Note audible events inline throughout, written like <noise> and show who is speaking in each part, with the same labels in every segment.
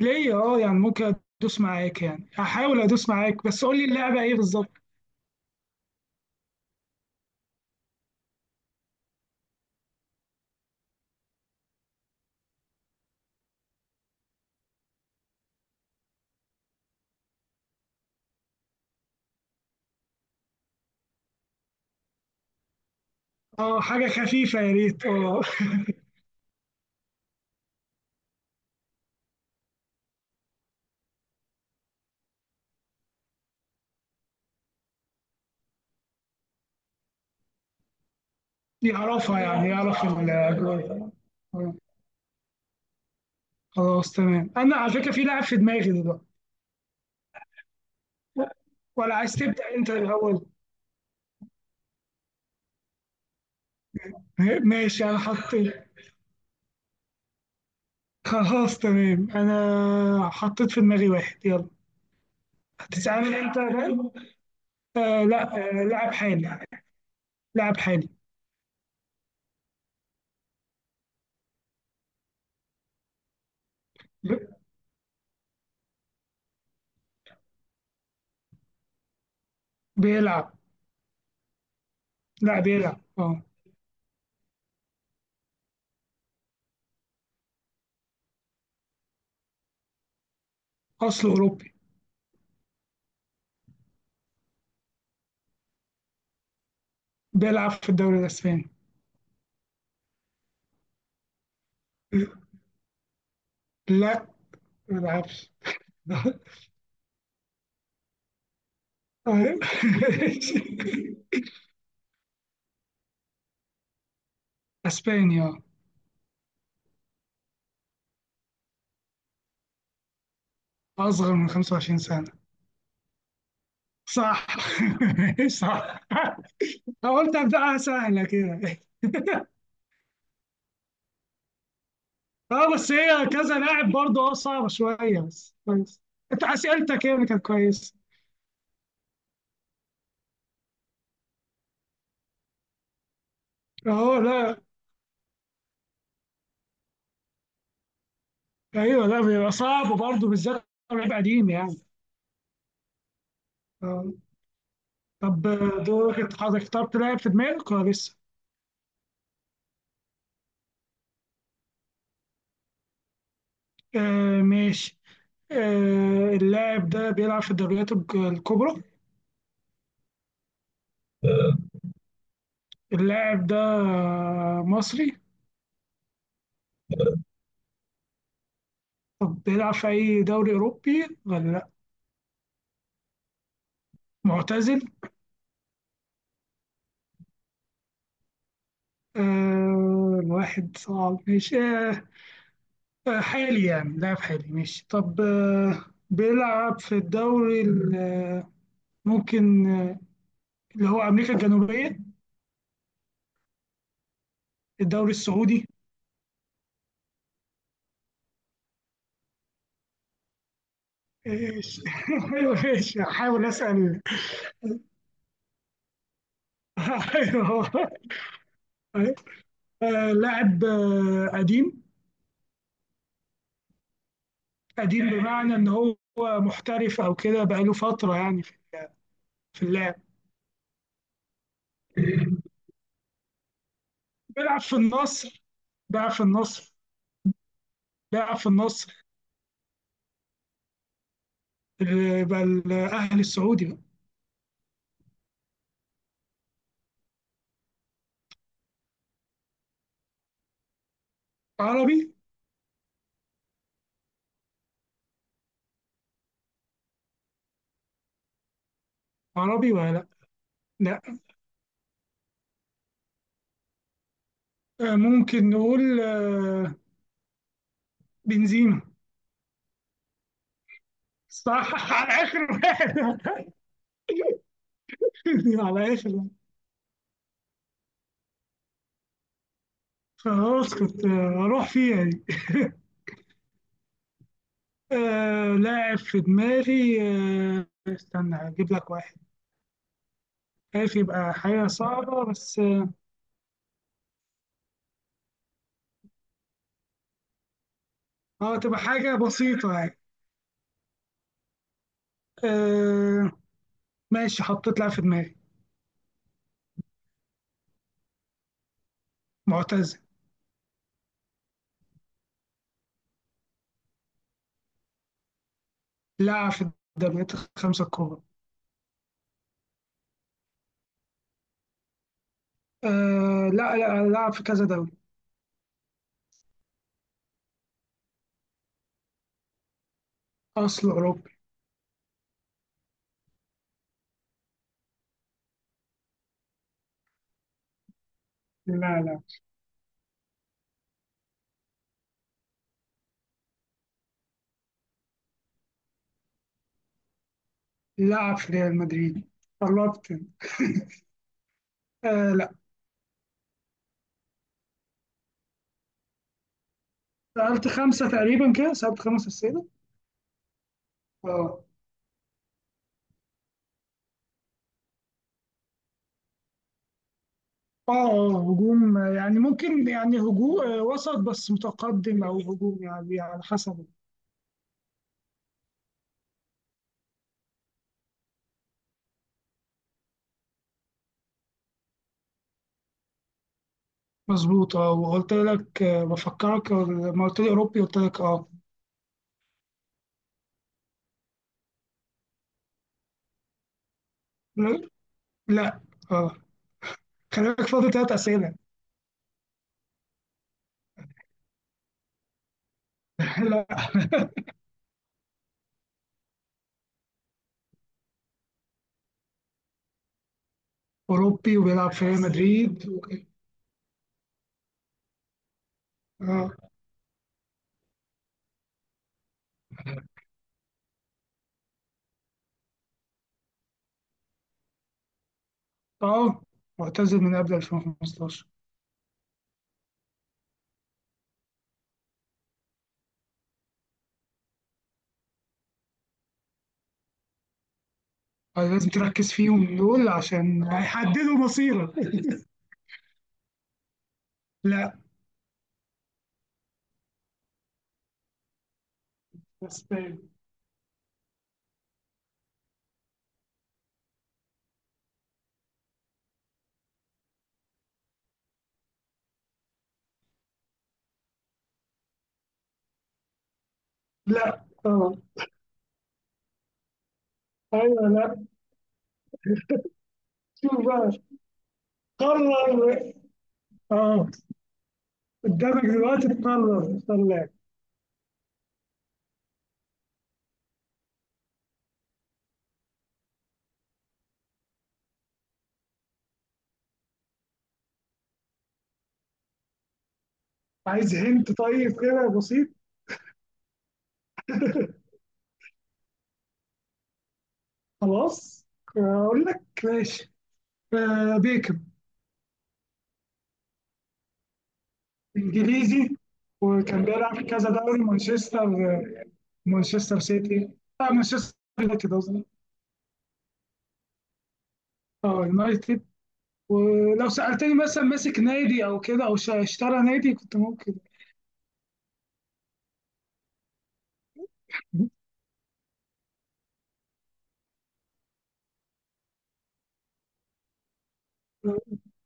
Speaker 1: ليه، اه، يعني ممكن ادوس معاك. يعني هحاول ادوس معاك، بس قول لي اللعبه ايه بالظبط. اه، حاجه خفيفه يا ريت، اه. <laughs> يعرفها، يعني يعرف الاجواء. آه، خلاص تمام، انا على فكره في لعب في دماغي دلوقتي. ولا عايز تبدا انت الاول؟ <laughs> ماشي، انا حطيت. خلاص تمام، انا حطيت في دماغي واحد. يلا، هتسألني انت بقى؟ لا، لاعب حالي. لاعب حالي. ب- بيلعب. لا، بيلعب، اه. اصله اوروبي. بيلعب في الدوري الاسباني. لا، ما بلعبش. <laughs> اسبانيا. اصغر من 25 سنة. صح. <laughs> صح. أنا قلت ابداها سهلة كده. <laughs> اه بس هي كذا لاعب برضه، صعبة شوية. بس. انت اسئلتك هي اللي كانت كويسة. اه. لا. ايوه. لا، بيبقى صعب برضه، بالذات لو لعيب قديم يعني. اه. طب دورك انت، حضرتك اخترت لاعب في دماغك ولا لسه؟ ماشي. اللاعب ده بيلعب في الدوريات الكبرى؟ اللاعب ده مصري؟ طب بيلعب في أي دوري أوروبي ولا لأ؟ معتزل؟ الواحد صعب، ماشي. حالي يعني، لاعب حالي، ماشي. طب بيلعب في الدوري ممكن، اللي هو أمريكا الجنوبية؟ الدوري السعودي؟ ايش؟ <laughs> ايوه، ماشي، هحاول اسال. <laughs> ايوه. لاعب قديم. قديم بمعنى إن هو محترف أو كده، بقى له فترة يعني في اللعب. بيلعب في النصر. بيلعب في النصر. بيلعب في النصر. بقى الأهلي السعودي بقى. عربي. عربي ولا لا؟ لا، ممكن نقول بنزيما. صح. <laughs> على آخر واحد. <laughs> <applause> على آخر واحد. خلاص كنت أروح فيها يعني. لاعب في دماغي. استنى أجيب لك واحد، عارف، يبقى حاجة صعبة. بس اه تبقى حاجة بسيطة يعني. آه ماشي، حطيت لاعب في دماغي. معتزل. لاعب في الدوريات الخمسة الكبرى. لا لا، لاعب في كذا دوري. أصل أوروبي. لا. لا، لاعب في ريال مدريد. قربت. لا. سألت خمسة تقريبا كده، سألت خمسة أسئلة. اه اه، هجوم، يعني ممكن يعني هجوم وسط بس متقدم، أو هجوم يعني، على حسب. مظبوط، اه. وقلت لك، بفكرك، لما قلت لي أوروبي قلت لك اه. لا. اه. خلي بالك، فاضل ثلاث اسئله. <laughs> لا، اوروبي وبيلعب في ريال مدريد اه. اه، معتزل من قبل 2015. لازم تركز فيهم دول عشان هيحددوا مصيرك. <laughs> لا. اسباني. لا. اه. ايوه. لا. شوف بقى. قرر. اه قدامك دلوقتي تقرر تختار لاعب. عايز هنت؟ طيب كده بسيط. خلاص، اقول لك ماشي. بيكم. انجليزي. وكان بيلعب في كذا دوري، مانشستر سيتي، مانشستر يونايتد قصدي. اه، يونايتد. ولو سألتني مثلا ماسك نادي او كده، او اشترى نادي، كنت ممكن.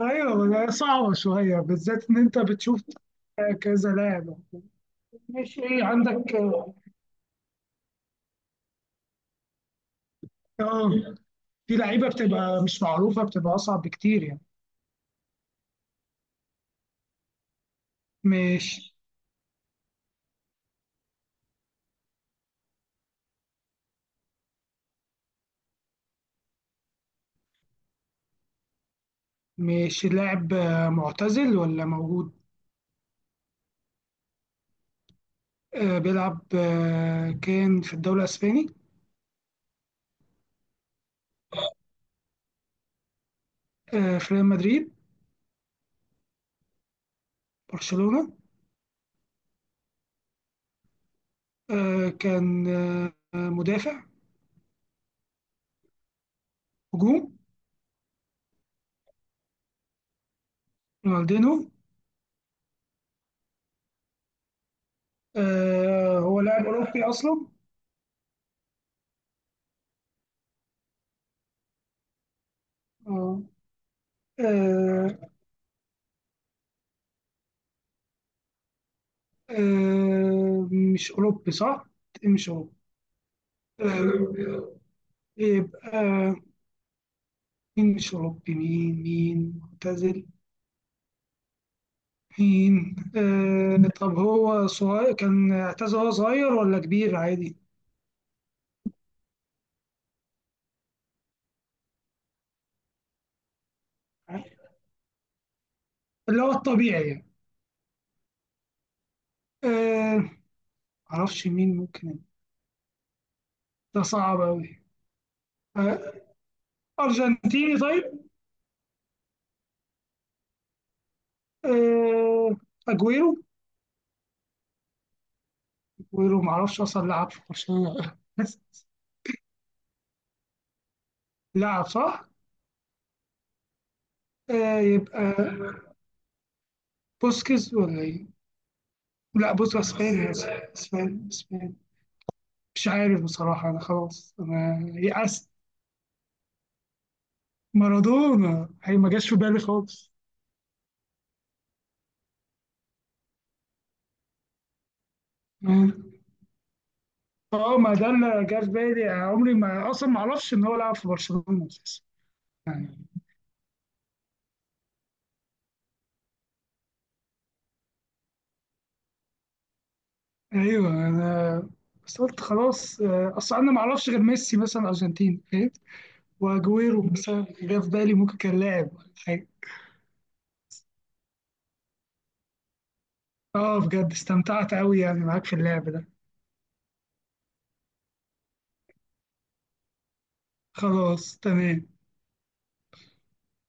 Speaker 1: ايوه، صعبة شوية، بالذات ان انت بتشوف كذا لاعب. ماشي، ايه عندك؟ اه، في لعيبة بتبقى مش معروفة، بتبقى اصعب بكتير يعني. مش مش اللاعب معتزل ولا موجود؟ بيلعب، كان في الدوري الإسباني؟ في ريال مدريد؟ برشلونة؟ كان مدافع؟ هجوم؟ رونالدينو؟ هو لاعب أوروبي أصلا؟ آه، آه، آه، مش أوروبي صح؟ مش أوروبي. آه، يبقى مين مش أوروبي، مين معتزل؟ مين؟ طب هو صغير، كان اعتزل وهو صغير ولا كبير عادي؟ اللي هو الطبيعي يعني. آه معرفش مين ممكن، ده صعب أوي. آه أرجنتيني طيب؟ آه أجويرو؟ أجويرو معرفش أصلا لعب في برشلونة <laughs> ولا لا. لعب صح؟ يبقى بوسكيز ولا إيه؟ لا، بص، اسباني اسباني اسباني. مش عارف بصراحة، أنا خلاص، أنا يأست. مارادونا هي ما جاش في بالي خالص. مم. اه، ما ده اللي جه في بالي. عمري ما، أصلا ما أعرفش إن هو لعب في برشلونة أساسا يعني. ايوه انا، بس قلت خلاص، اصل انا ما اعرفش غير ميسي مثلا ارجنتين، فاهم. واجويرو مثلا جه في بالي، ممكن كان لاعب ولا حاجه. اه، بجد استمتعت قوي يعني معاك في اللعب ده. خلاص تمام.